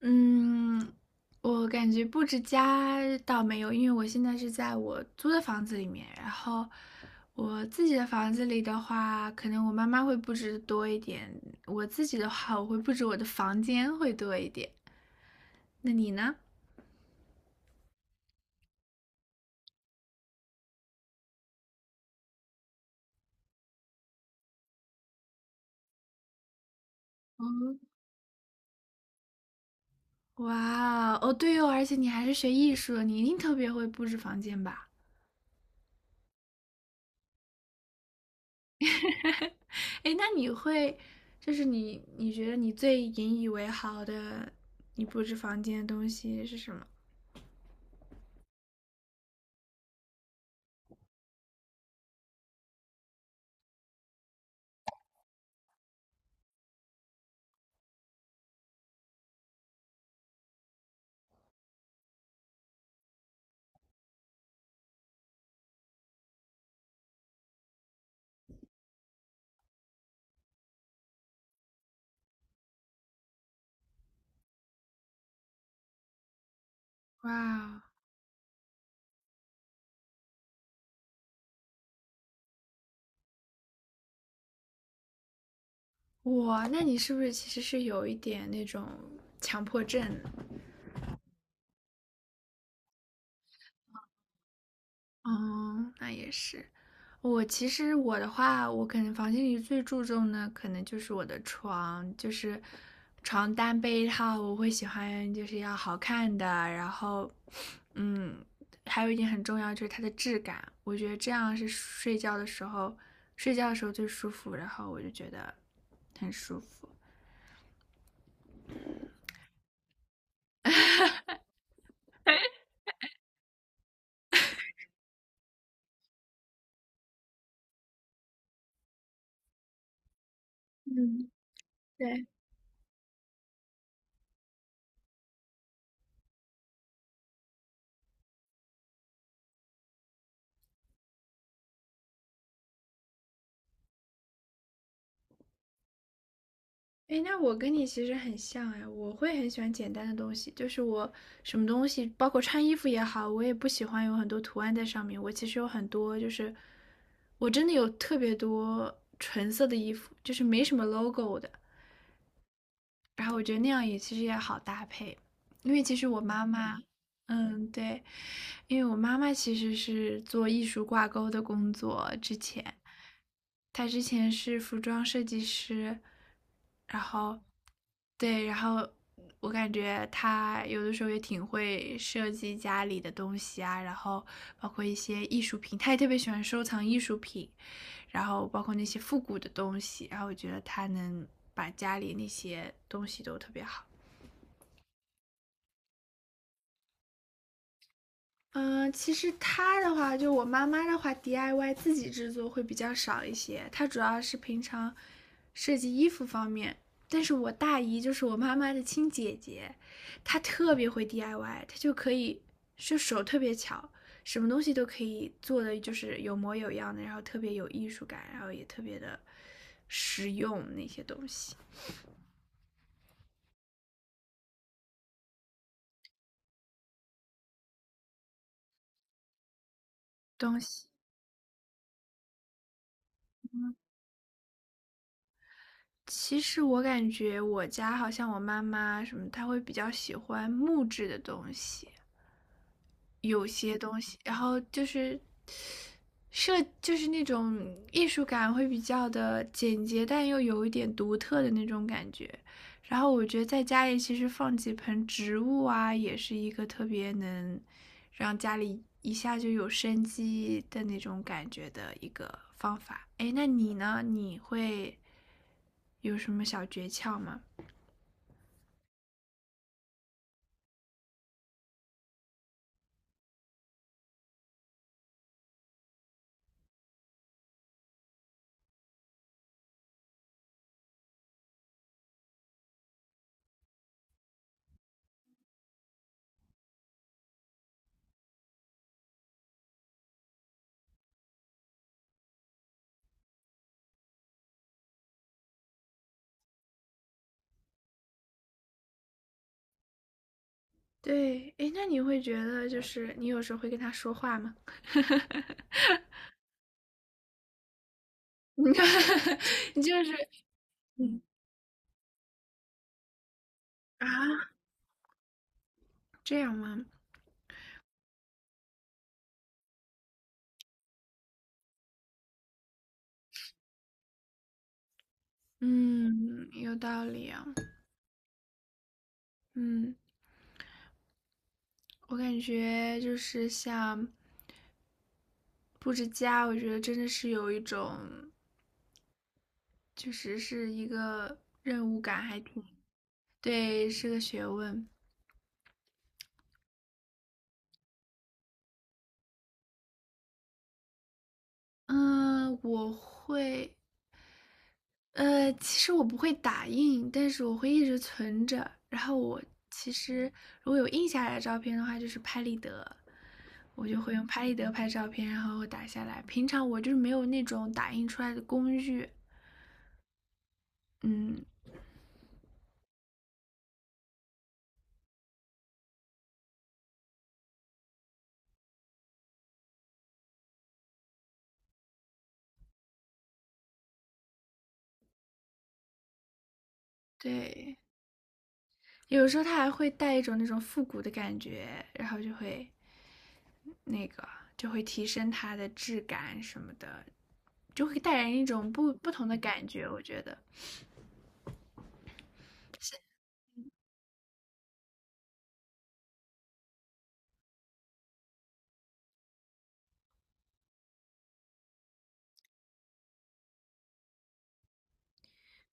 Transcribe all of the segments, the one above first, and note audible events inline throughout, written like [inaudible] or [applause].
嗯，我感觉布置家倒没有，因为我现在是在我租的房子里面，然后我自己的房子里的话，可能我妈妈会布置得多一点，我自己的话，我会布置我的房间会多一点。那你呢？哇哦，对哦，而且你还是学艺术的，你一定特别会布置房间吧？[laughs] 哎，那你会，就是你觉得你最引以为豪的，你布置房间的东西是什么？哇哇，那你是不是其实是有一点那种强迫症？嗯，那也是。我其实我的话，我可能房间里最注重的可能就是我的床，就是床单被套，我会喜欢就是要好看的，然后，嗯，还有一点很重要就是它的质感，我觉得这样是睡觉的时候最舒服，然后我就觉得很舒服。嗯，对。哎，那我跟你其实很像哎，我会很喜欢简单的东西，就是我什么东西，包括穿衣服也好，我也不喜欢有很多图案在上面。我其实有很多，就是我真的有特别多纯色的衣服，就是没什么 logo 的。然后我觉得那样也其实也好搭配，因为其实我妈妈嗯，对，因为我妈妈其实是做艺术挂钩的工作，之前，她之前是服装设计师，然后，对，然后我感觉她有的时候也挺会设计家里的东西啊，然后包括一些艺术品，她也特别喜欢收藏艺术品，然后包括那些复古的东西，然后我觉得她能把家里那些东西都特别好。嗯，其实她的话，就我妈妈的话，DIY 自己制作会比较少一些。她主要是平常设计衣服方面，但是我大姨就是我妈妈的亲姐姐，她特别会 DIY,她就可以就手特别巧，什么东西都可以做的就是有模有样的，然后特别有艺术感，然后也特别的实用那些东西。其实我感觉我家好像我妈妈什么，她会比较喜欢木质的东西，有些东西，然后就是设就是那种艺术感会比较的简洁，但又有一点独特的那种感觉。然后我觉得在家里其实放几盆植物啊，也是一个特别能让家里一下就有生机的那种感觉的一个方法。哎，那你呢？你会有什么小诀窍吗？对，哎，那你会觉得就是你有时候会跟他说话吗？[laughs] [laughs] 你看，你就是嗯啊，这样吗？嗯，有道理啊。嗯，我感觉就是像布置家，我觉得真的是有一种，确实是一个任务感，还挺，对，是个学问。嗯，我会，其实我不会打印，但是我会一直存着。然后我其实如果有印下来的照片的话，就是拍立得，我就会用拍立得拍照片，然后打下来。平常我就是没有那种打印出来的工具，嗯，对。有时候它还会带一种那种复古的感觉，然后就会那个就会提升它的质感什么的，就会带人一种不同的感觉，我觉得。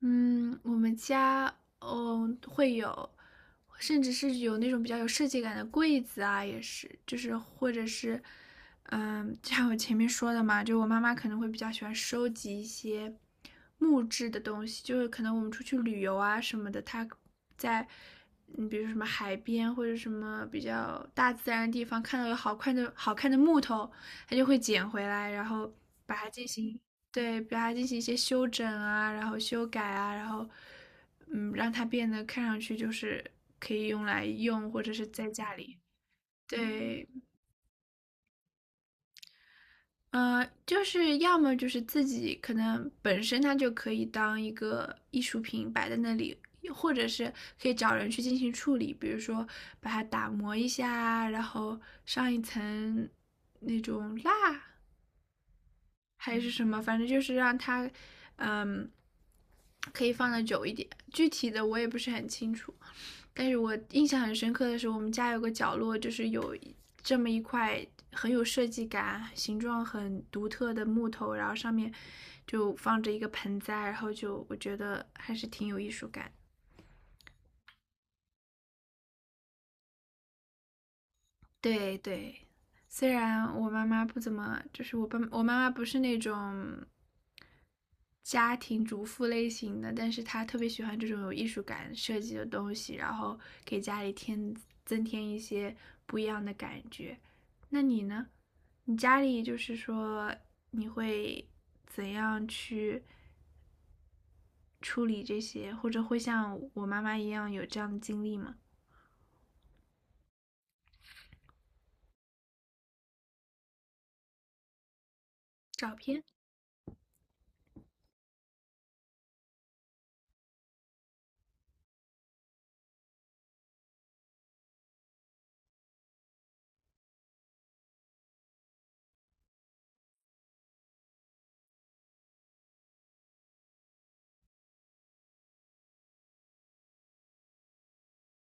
嗯，我们家，嗯，会有，甚至是有那种比较有设计感的柜子啊，也是，就是或者是，嗯，就像我前面说的嘛，就我妈妈可能会比较喜欢收集一些木质的东西，就是可能我们出去旅游啊什么的，她在，嗯，比如说什么海边或者什么比较大自然的地方看到有好看的木头，她就会捡回来，然后把它进行对，把它进行一些修整啊，然后修改啊，然后，嗯，让它变得看上去就是可以用来用，或者是在家里。对，就是要么就是自己可能本身它就可以当一个艺术品摆在那里，或者是可以找人去进行处理，比如说把它打磨一下啊，然后上一层那种蜡，还是什么，反正就是让它，嗯，可以放的久一点。具体的我也不是很清楚，但是我印象很深刻的是，我们家有个角落，就是有这么一块很有设计感、形状很独特的木头，然后上面就放着一个盆栽，然后就我觉得还是挺有艺术感。对对，虽然我妈妈不怎么，就是我妈妈不是那种家庭主妇类型的，但是他特别喜欢这种有艺术感设计的东西，然后给家里添增添一些不一样的感觉。那你呢？你家里就是说你会怎样去处理这些，或者会像我妈妈一样有这样的经历吗？照片，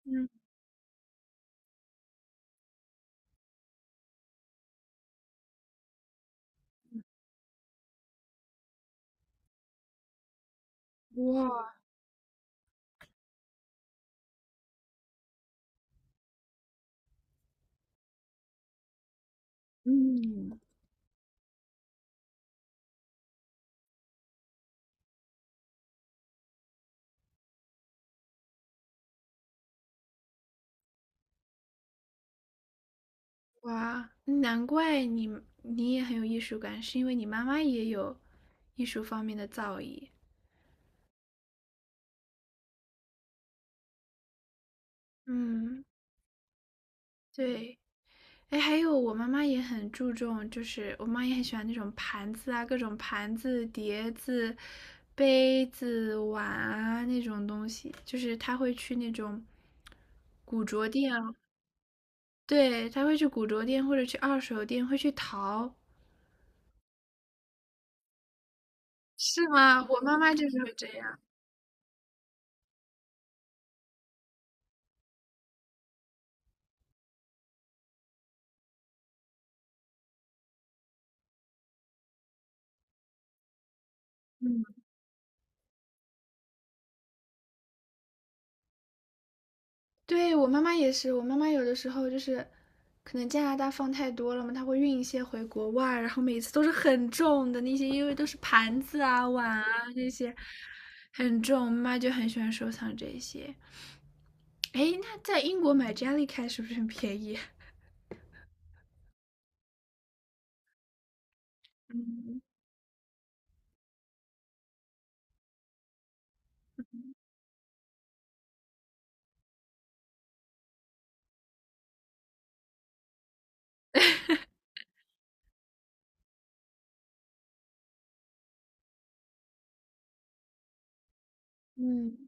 嗯，哇，嗯，哇，难怪你你也很有艺术感，是因为你妈妈也有艺术方面的造诣。嗯。对，哎，还有我妈妈也很注重，就是我妈也很喜欢那种盘子啊，各种盘子、碟子、杯子、碗啊那种东西，就是她会去那种古着店啊，对，她会去古着店或者去二手店，会去淘，是吗？我妈妈就是会这样。对，我妈妈也是，我妈妈有的时候就是可能加拿大放太多了嘛，她会运一些回国外，然后每次都是很重的那些，因为都是盘子啊、碗啊那些很重，我妈妈就很喜欢收藏这些。诶，那在英国买 Jellycat 是不是很便宜？嗯嗯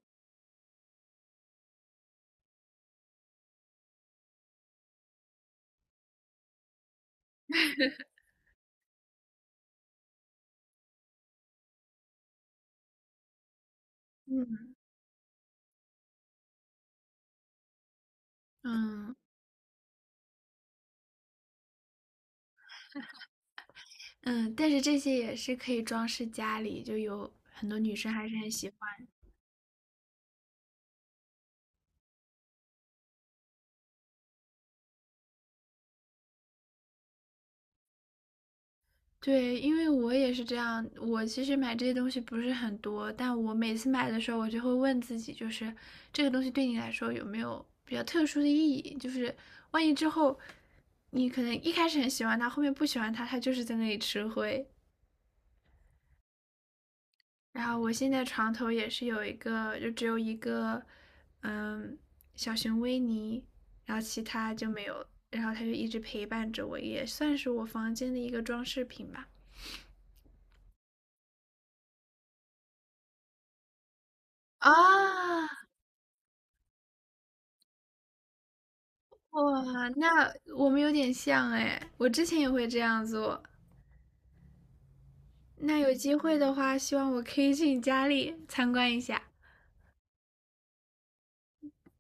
嗯嗯嗯，但是这些也是可以装饰家里，就有很多女生还是很喜对，因为我也是这样，我其实买这些东西不是很多，但我每次买的时候，我就会问自己，就是这个东西对你来说有没有比较特殊的意义？就是万一之后你可能一开始很喜欢它，后面不喜欢它，它就是在那里吃灰。然后我现在床头也是有一个，就只有一个，嗯，小熊维尼，然后其他就没有了然后它就一直陪伴着我，也算是我房间的一个装饰品吧。啊，哇，那我们有点像哎，我之前也会这样做。那有机会的话，希望我可以去你家里参观一下。